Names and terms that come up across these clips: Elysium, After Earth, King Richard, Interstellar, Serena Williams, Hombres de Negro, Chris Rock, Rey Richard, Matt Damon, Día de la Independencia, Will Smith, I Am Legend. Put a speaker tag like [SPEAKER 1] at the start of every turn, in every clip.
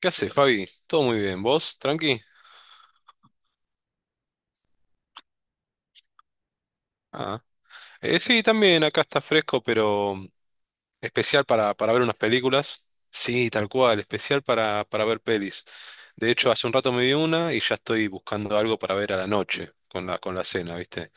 [SPEAKER 1] ¿Qué haces, Fabi? Todo muy bien. ¿Vos? ¿Tranqui? Ah. Sí, también acá está fresco, pero especial para ver unas películas. Sí, tal cual, especial para ver pelis. De hecho, hace un rato me vi una y ya estoy buscando algo para ver a la noche con la cena, ¿viste?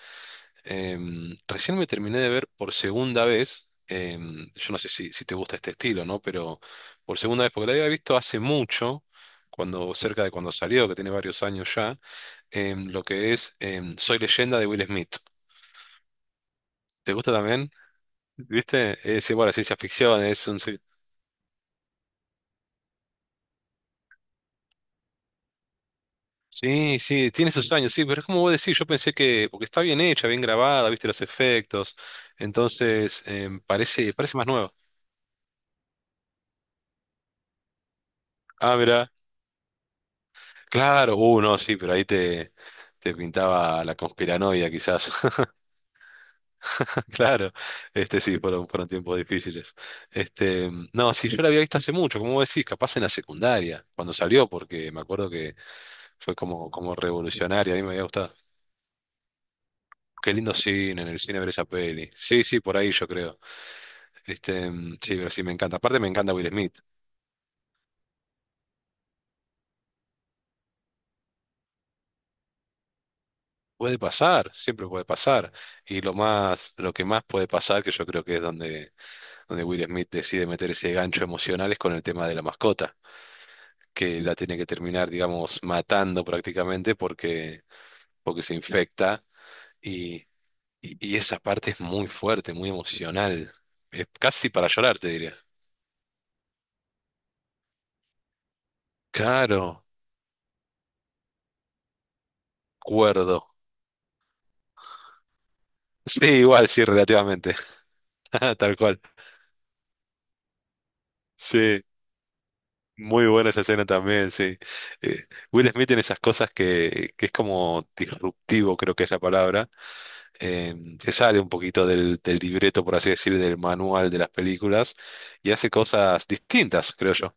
[SPEAKER 1] Recién me terminé de ver por segunda vez. Yo no sé si te gusta este estilo, ¿no? Pero por segunda vez, porque la había visto hace mucho, cuando, cerca de cuando salió, que tiene varios años ya. Lo que es Soy Leyenda de Will Smith. ¿Te gusta también? ¿Viste? Es igual, es ciencia ficción, es un. Sí, sí, tiene sus años, sí, pero es como vos decís, yo pensé que, porque está bien hecha, bien grabada, viste los efectos, entonces parece más nuevo. Ah, mira, claro, no, sí, pero ahí te pintaba la conspiranoia quizás. Claro, este sí, fueron tiempos difíciles. No, sí, yo la había visto hace mucho, como vos decís, capaz en la secundaria, cuando salió, porque me acuerdo que fue como revolucionaria, a mí me había gustado. Qué lindo cine, en el cine ver esa peli. Sí, sí, por ahí yo creo. Mm, sí, pero sí me encanta. Aparte me encanta Will Smith. Puede pasar, siempre puede pasar. Y lo que más puede pasar, que yo creo que es donde, donde Will Smith decide meter ese gancho emocional, es con el tema de la mascota, que la tiene que terminar, digamos, matando prácticamente porque se infecta. Y, y esa parte es muy fuerte, muy emocional. Es casi para llorar, te diría. Claro. Cuerdo. Sí, igual, sí, relativamente. Tal cual. Sí, muy buena esa escena también, sí. Eh, Will Smith tiene esas cosas que es como disruptivo, creo que es la palabra. Eh, Se sale un poquito del libreto, por así decir, del manual de las películas y hace cosas distintas, creo yo.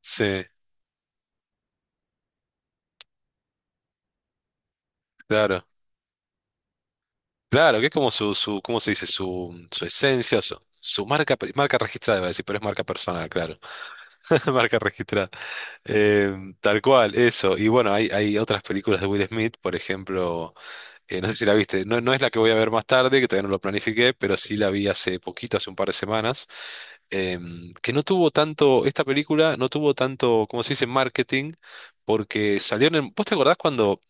[SPEAKER 1] Sí, claro. Claro, que es como su ¿cómo se dice? Su esencia, su marca, marca registrada, iba a decir, pero es marca personal, claro. Marca registrada. Tal cual, eso. Y bueno, hay otras películas de Will Smith, por ejemplo, no sé si la viste, no, no es la que voy a ver más tarde, que todavía no lo planifiqué, pero sí la vi hace poquito, hace un par de semanas, que no tuvo tanto, esta película no tuvo tanto, como se dice, marketing, porque salió en ¿Vos te acordás cuando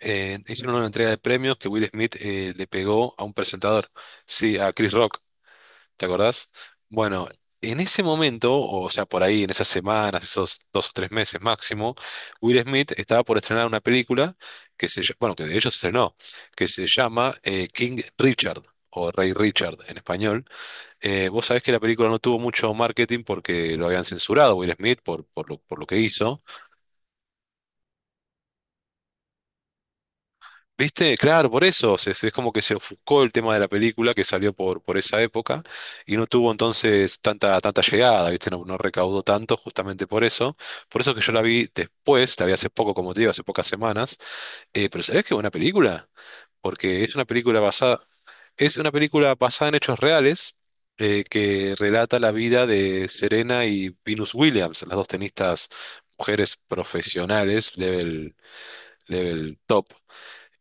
[SPEAKER 1] hicieron una entrega de premios que Will Smith le pegó a un presentador? Sí, a Chris Rock. ¿Te acordás? Bueno, en ese momento, o sea, por ahí en esas semanas, esos dos o tres meses máximo, Will Smith estaba por estrenar una película que, bueno, que de hecho se estrenó, que se llama King Richard, o Rey Richard en español. Vos sabés que la película no tuvo mucho marketing porque lo habían censurado a Will Smith por lo que hizo. ¿Viste? Claro, por eso. Es como que se ofuscó el tema de la película que salió por esa época y no tuvo entonces tanta llegada, ¿viste? No, no recaudó tanto justamente por eso. Por eso que yo la vi después, la vi hace poco, como te digo, hace pocas semanas. Pero ¿sabés qué buena película? Porque es una película basada, Es una película basada en hechos reales que relata la vida de Serena y Venus Williams, las dos tenistas mujeres profesionales, level top.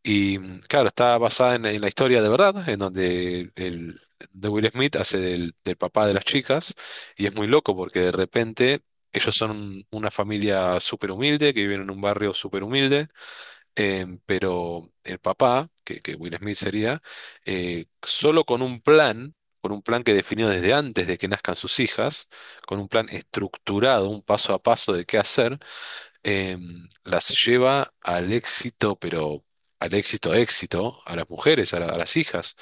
[SPEAKER 1] Y claro, está basada en la historia de verdad, en donde el de Will Smith hace del papá de las chicas, y es muy loco porque de repente ellos son una familia súper humilde, que viven en un barrio súper humilde, pero el papá, que Will Smith sería, solo con un plan que definió desde antes de que nazcan sus hijas, con un plan estructurado, un paso a paso de qué hacer, las lleva al éxito, pero al éxito, éxito, a las mujeres, a las hijas.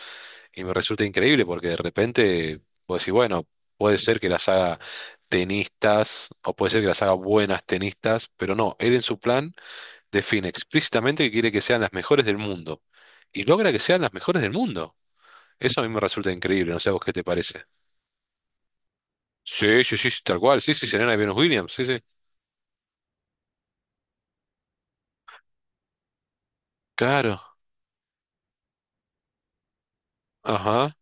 [SPEAKER 1] Y me resulta increíble porque de repente, pues decís, bueno, puede ser que las haga tenistas o puede ser que las haga buenas tenistas, pero no, él en su plan define explícitamente que quiere que sean las mejores del mundo. Y logra que sean las mejores del mundo. Eso a mí me resulta increíble, no sé a vos qué te parece. Sí, sí, sí, sí, tal cual. Sí, sí, Serena y Venus Williams. Sí, sí. Claro. Ajá.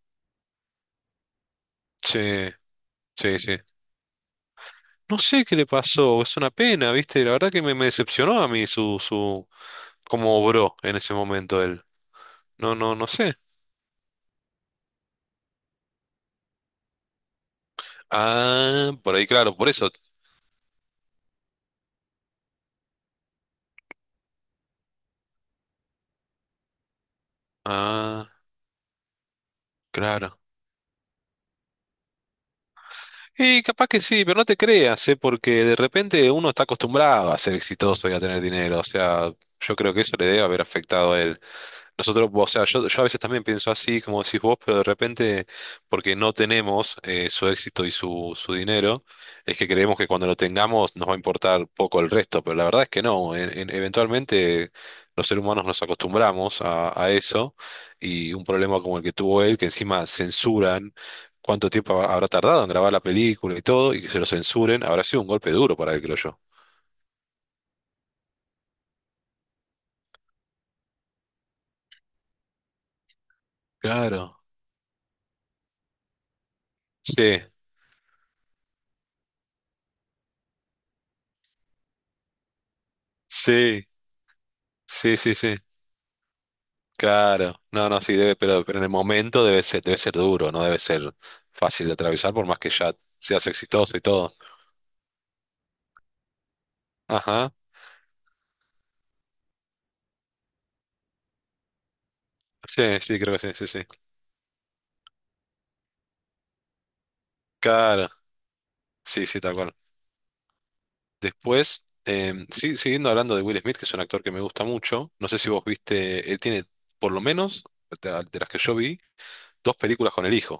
[SPEAKER 1] Sí, sí, sí. No sé qué le pasó, es una pena, ¿viste? La verdad que me decepcionó a mí cómo obró en ese momento él. No, no, no sé. Ah, por ahí, claro, por eso. Ah, claro. Y capaz que sí, pero no te creas, ¿eh? Porque de repente uno está acostumbrado a ser exitoso y a tener dinero. O sea, yo creo que eso le debe haber afectado a él. Nosotros, o sea, yo a veces también pienso así, como decís vos, pero de repente, porque no tenemos su éxito y su dinero, es que creemos que cuando lo tengamos nos va a importar poco el resto, pero la verdad es que no. Eventualmente los seres humanos nos acostumbramos a eso y un problema como el que tuvo él, que encima censuran cuánto tiempo habrá tardado en grabar la película y todo, y que se lo censuren, habrá sido un golpe duro para él, creo yo. Claro. Sí, sí, sí, sí, sí. Claro, no, no, sí, debe, pero en el momento debe ser duro, no debe ser fácil de atravesar, por más que ya seas exitoso y todo. Ajá, sí, sí, creo que sí, sí, sí. Claro, sí, sí, tal cual. Después, sí, siguiendo hablando de Will Smith, que es un actor que me gusta mucho, no sé si vos viste, él tiene, por lo menos, de las que yo vi, dos películas con el hijo,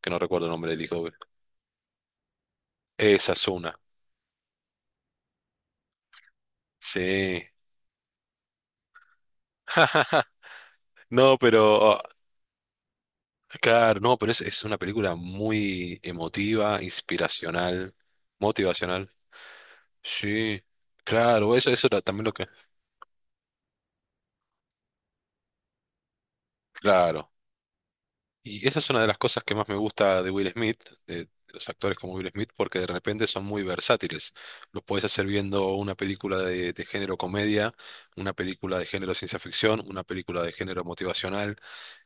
[SPEAKER 1] que no recuerdo el nombre del hijo. Esa es una, sí. No, pero. Claro, no, pero es una película muy emotiva, inspiracional, motivacional. Sí, claro, eso era también lo que... Claro. Y esa es una de las cosas que más me gusta de Will Smith, de los actores como Will Smith, porque de repente son muy versátiles. Lo puedes hacer viendo una película de género comedia, una película de género ciencia ficción, una película de género motivacional,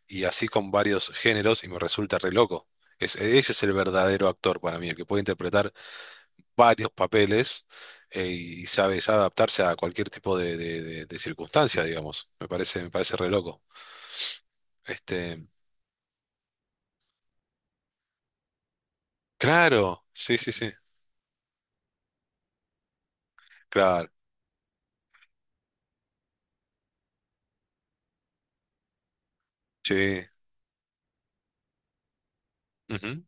[SPEAKER 1] y así con varios géneros, y me resulta re loco. Ese es el verdadero actor para mí, el que puede interpretar varios papeles y sabe adaptarse a cualquier tipo de circunstancia, digamos. Me parece re loco. Este, claro, sí, sí, sí, claro, sí, ujú,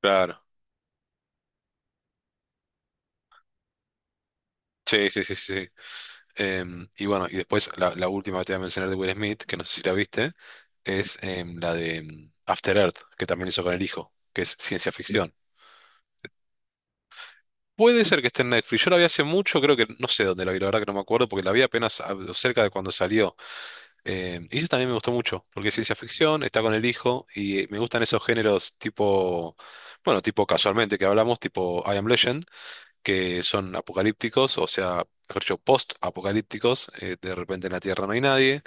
[SPEAKER 1] claro, sí, sí, sí, sí. Sí. Y bueno, y después la última que te voy a mencionar de Will Smith, que no sé si la viste, es la de After Earth, que también hizo con el hijo, que es ciencia ficción. Puede ser que esté en Netflix. Yo la vi hace mucho, creo que no sé dónde la vi, la verdad que no me acuerdo, porque la vi apenas cerca de cuando salió. Y eso también me gustó mucho, porque es ciencia ficción, está con el hijo, y me gustan esos géneros tipo, bueno, tipo casualmente que hablamos, tipo I Am Legend, que son apocalípticos, o sea, mejor dicho, post-apocalípticos, de repente en la Tierra no hay nadie,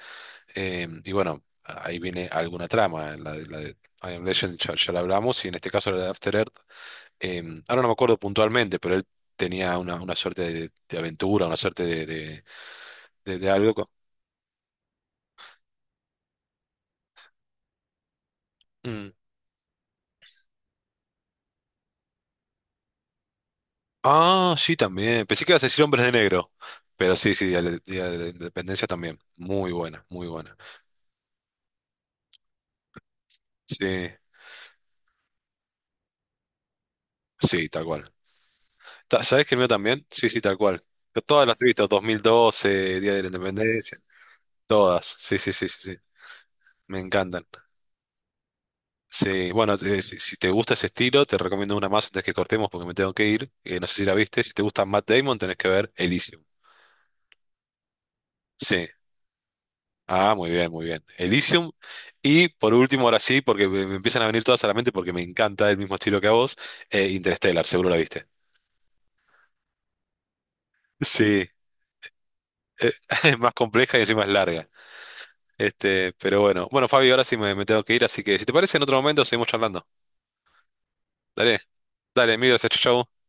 [SPEAKER 1] y bueno, ahí viene alguna trama, la de I Am Legend ya, ya la hablamos, y en este caso la de After Earth, ahora no me acuerdo puntualmente, pero él tenía una suerte de aventura, una suerte de algo. Ah, sí, también. Pensé que ibas a decir Hombres de Negro. Pero sí, sí, Día de la Independencia también. Muy buena, muy buena. Sí, sí, tal cual. ¿Sabés que el mío también? Sí, sí, tal cual. Yo todas las he visto, 2012, Día de la Independencia. Todas. Sí, sí, sí, sí, sí. Me encantan. Sí, bueno, si te gusta ese estilo, te recomiendo una más antes que cortemos porque me tengo que ir. No sé si la viste. Si te gusta Matt Damon, tenés que ver Elysium. Sí. Ah, muy bien, muy bien. Elysium. Y por último, ahora sí, porque me empiezan a venir todas a la mente porque me encanta el mismo estilo que a vos, Interstellar, seguro la viste. Sí, eh, es más compleja y encima es larga. Pero bueno. Bueno, Fabio, ahora sí me tengo que ir, así que si te parece, en otro momento seguimos charlando. Dale, dale, mil gracias, chau. Chau.